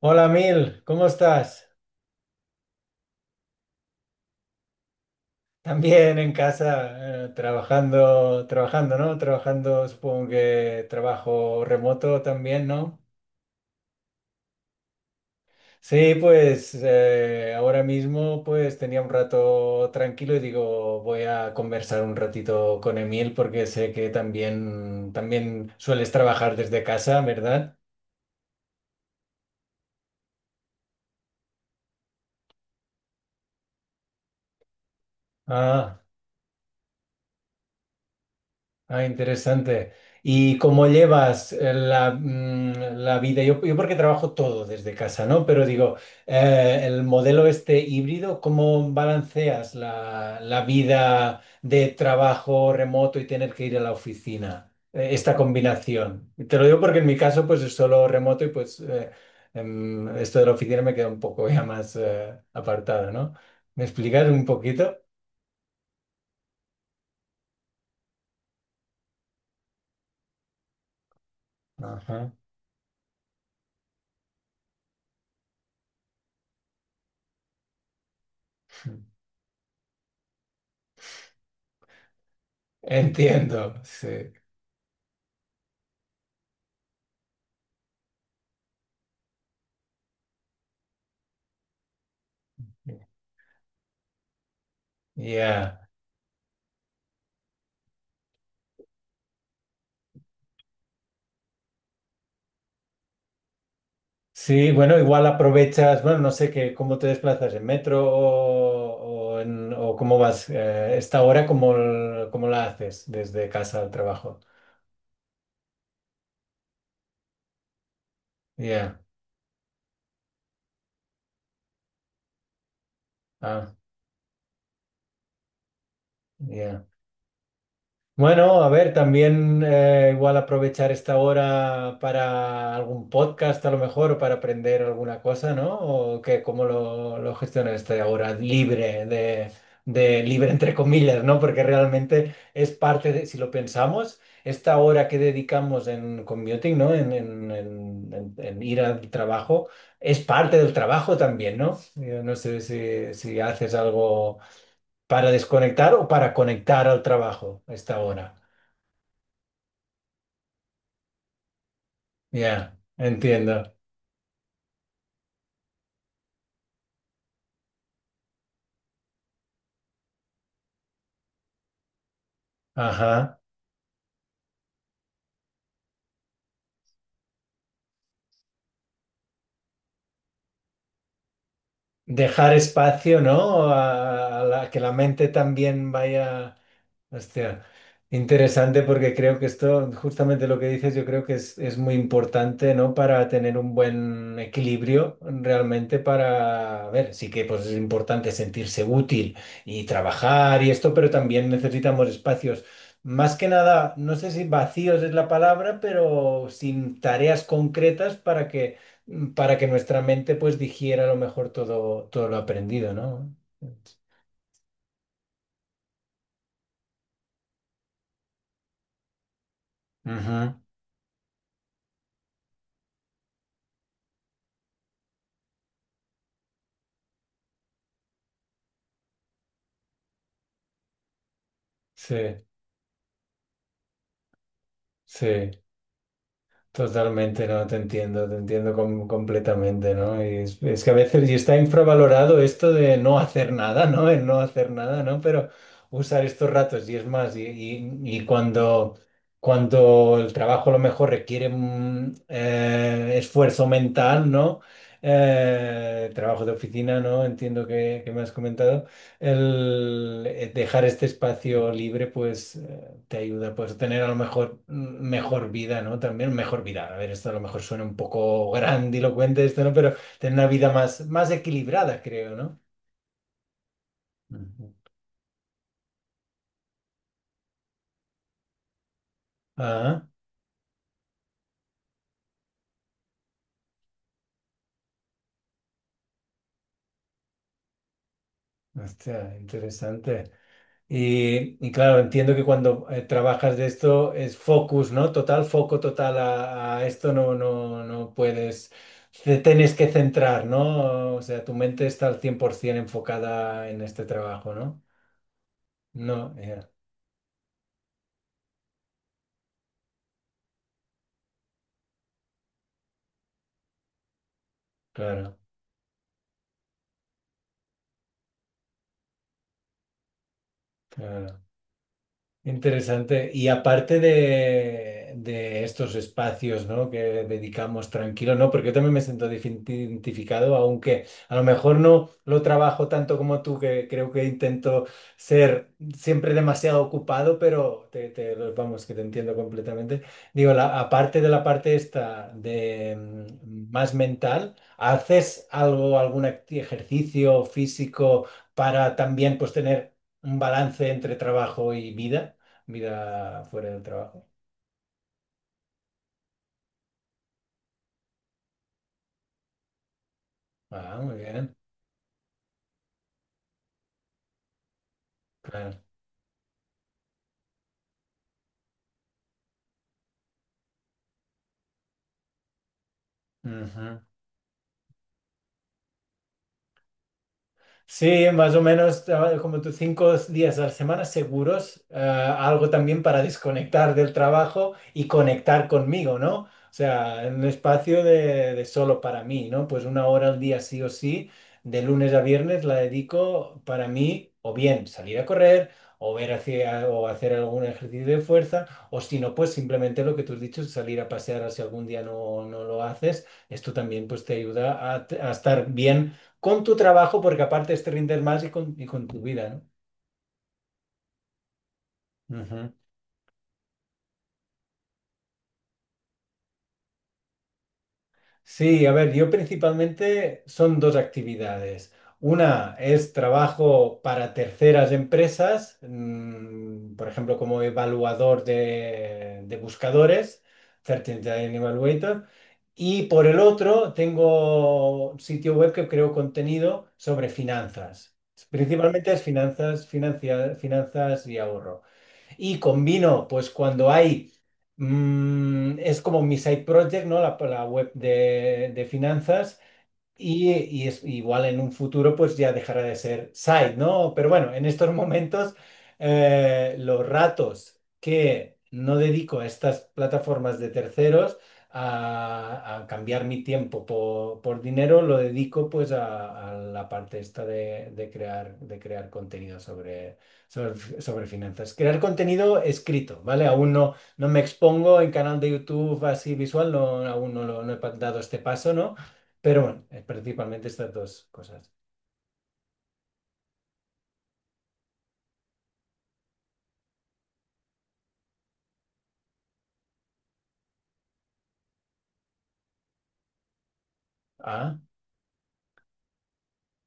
Hola Mil, ¿cómo estás? También en casa, trabajando, trabajando, ¿no? Trabajando, supongo que trabajo remoto también, ¿no? Sí, pues ahora mismo pues tenía un rato tranquilo y digo, voy a conversar un ratito con Emil porque sé que también, también sueles trabajar desde casa, ¿verdad? Ah. Ah, interesante. ¿Y cómo llevas la vida? Yo porque trabajo todo desde casa, ¿no? Pero digo, el modelo este híbrido, ¿cómo balanceas la vida de trabajo remoto y tener que ir a la oficina? Esta combinación. Te lo digo porque en mi caso, pues es solo remoto y pues esto de la oficina me queda un poco ya más apartado, ¿no? ¿Me explicas un poquito? Ajá. Entiendo, sí. Ya. Sí, bueno, igual aprovechas, bueno, no sé qué, cómo te desplazas en metro o, o cómo vas esta hora, cómo, cómo la haces desde casa al trabajo. Ya, ah, ya. Bueno, a ver, también igual aprovechar esta hora para algún podcast a lo mejor, para aprender alguna cosa, ¿no? ¿O qué, cómo lo gestionas esta hora libre de libre entre comillas, ¿no? Porque realmente es parte de, si lo pensamos, esta hora que dedicamos en commuting, ¿no? En, en ir al trabajo, es parte del trabajo también, ¿no? Yo no sé si, si haces algo para desconectar o para conectar al trabajo esta hora. Ya, entiendo. Ajá. Dejar espacio, ¿no? A, que la mente también vaya. Hostia, interesante porque creo que esto, justamente lo que dices, yo creo que es muy importante, ¿no? Para tener un buen equilibrio realmente para, a ver, sí que pues es importante sentirse útil y trabajar y esto, pero también necesitamos espacios, más que nada, no sé si vacíos es la palabra, pero sin tareas concretas para que nuestra mente pues digiera a lo mejor todo, todo lo aprendido, ¿no? Ujú. Sí, sí. Totalmente, no, te entiendo, completamente, ¿no? Y es que a veces y está infravalorado esto de no hacer nada, ¿no? El no hacer nada, ¿no? Pero usar estos ratos y es más, y cuando, cuando el trabajo a lo mejor requiere esfuerzo mental, ¿no? Trabajo de oficina, ¿no? Entiendo que me has comentado. El dejar este espacio libre, pues te ayuda pues, a tener a lo mejor mejor vida, ¿no? También mejor vida. A ver, esto a lo mejor suena un poco grandilocuente esto, ¿no? Pero tener una vida más, más equilibrada, creo, ¿no? Ujú. Ah, hostia, interesante. Y claro, entiendo que cuando trabajas de esto es focus, ¿no? Total, foco total a esto no, no, no puedes, te tienes que centrar, ¿no? O sea, tu mente está al 100% enfocada en este trabajo, ¿no? No, ya, claro, claro. Interesante. Y aparte de estos espacios, ¿no? Que dedicamos tranquilo, ¿no? Porque yo también me siento identificado, aunque a lo mejor no lo trabajo tanto como tú, que creo que intento ser siempre demasiado ocupado, pero vamos, que te entiendo completamente. Digo, la, aparte de la parte esta de más mental, ¿haces algo, ejercicio físico para también pues tener un balance entre trabajo y vida? Vida fuera del trabajo. Ah, muy bien. Claro. Ujú. Sí, más o menos como tus 5 días a la semana seguros, algo también para desconectar del trabajo y conectar conmigo, ¿no? O sea, en un espacio de solo para mí, ¿no? Pues 1 hora al día sí o sí, de lunes a viernes la dedico para mí, o bien salir a correr, o ver hacia, o hacer algún ejercicio de fuerza, o si no, pues simplemente lo que tú has dicho, salir a pasear si algún día no, no lo haces, esto también pues te ayuda a estar bien con tu trabajo, porque aparte es te rindes más y con tu vida, ¿no? Ujú. Sí, a ver, yo principalmente son 2 actividades. Una es trabajo para terceras empresas, mm, por ejemplo, como evaluador de buscadores, Certain Evaluator. Y por el otro, tengo un sitio web que creo contenido sobre finanzas. Principalmente es finanzas, finanzas y ahorro. Y combino, pues cuando hay, es como mi side project, ¿no? La web de finanzas. Y es igual en un futuro, pues ya dejará de ser side, ¿no? Pero bueno, en estos momentos, los ratos que no dedico a estas plataformas de terceros a cambiar mi tiempo por dinero, lo dedico pues a la parte esta de crear contenido sobre finanzas. Crear contenido escrito, ¿vale? Aún no, no me expongo en canal de YouTube así visual, no, aún no, no he dado este paso, ¿no? Pero bueno, principalmente estas 2 cosas. Ah,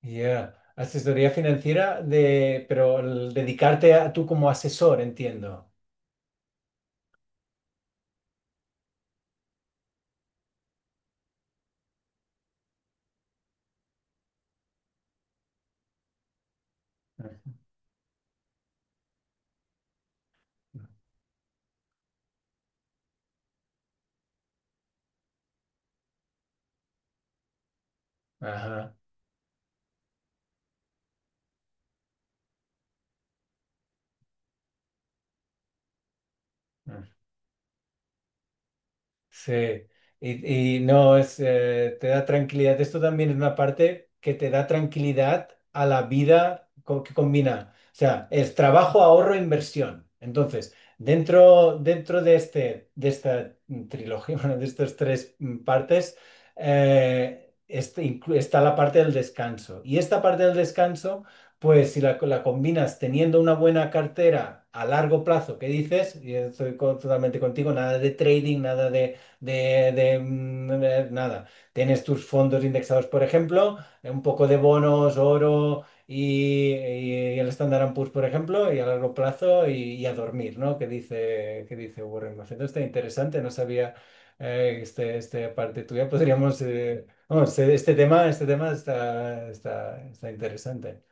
yeah. Asesoría financiera de, pero el dedicarte a tú como asesor, entiendo. Ajá. Mm. Sí, y no es, te da tranquilidad. Esto también es una parte que te da tranquilidad a la vida que combina. O sea, es trabajo, ahorro, inversión. Entonces, dentro, dentro de este, de esta trilogía, bueno, de estas tres partes, este está la parte del descanso. Y esta parte del descanso, pues si la, la combinas teniendo una buena cartera a largo plazo, ¿qué dices? Y estoy totalmente contigo, nada de trading, nada de de, de nada. Tienes tus fondos indexados, por ejemplo, un poco de bonos, oro y el Standard and Poor's, por ejemplo, y a largo plazo y a dormir, ¿no? Que dice Warren Buffett. Está interesante, no sabía este parte tuya. Podríamos, vamos, este tema, está interesante.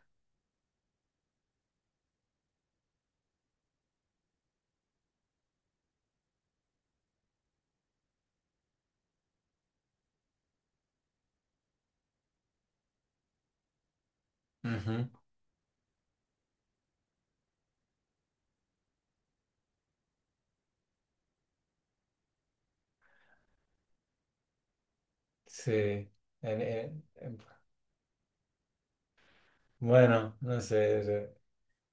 Ujú. Sí. En- en- en- bueno, no sé.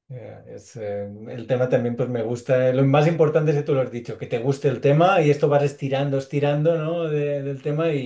Ya, es, el tema también pues me gusta. Eh, lo más importante es que tú lo has dicho, que te guste el tema y esto vas estirando, estirando, ¿no? Del tema y,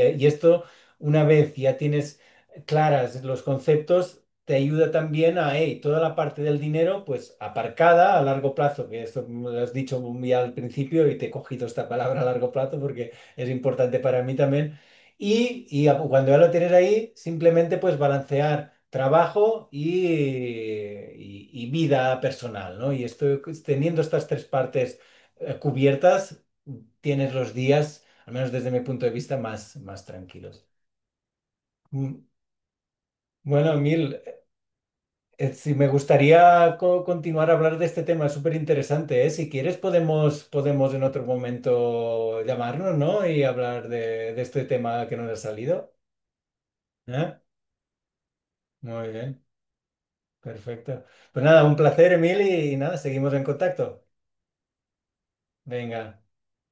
y- y esto una vez ya tienes claras los conceptos, te ayuda también a, hey, toda la parte del dinero pues aparcada a largo plazo, que esto me lo has dicho ya al principio y te he cogido esta palabra a largo plazo porque es importante para mí también. Cuando ya lo tienes ahí, simplemente pues balancear trabajo y vida personal, ¿no? Y esto teniendo estas 3 partes cubiertas, tienes los días, al menos desde mi punto de vista, más, más tranquilos. Mm, Bueno, Emil, si me gustaría continuar a hablar de este tema, es súper interesante, ¿eh? Si quieres podemos, podemos en otro momento llamarnos, ¿no? Y hablar de este tema que nos ha salido, ¿eh? Muy bien, perfecto. Pues nada, un placer, Emil, y nada, seguimos en contacto. Venga.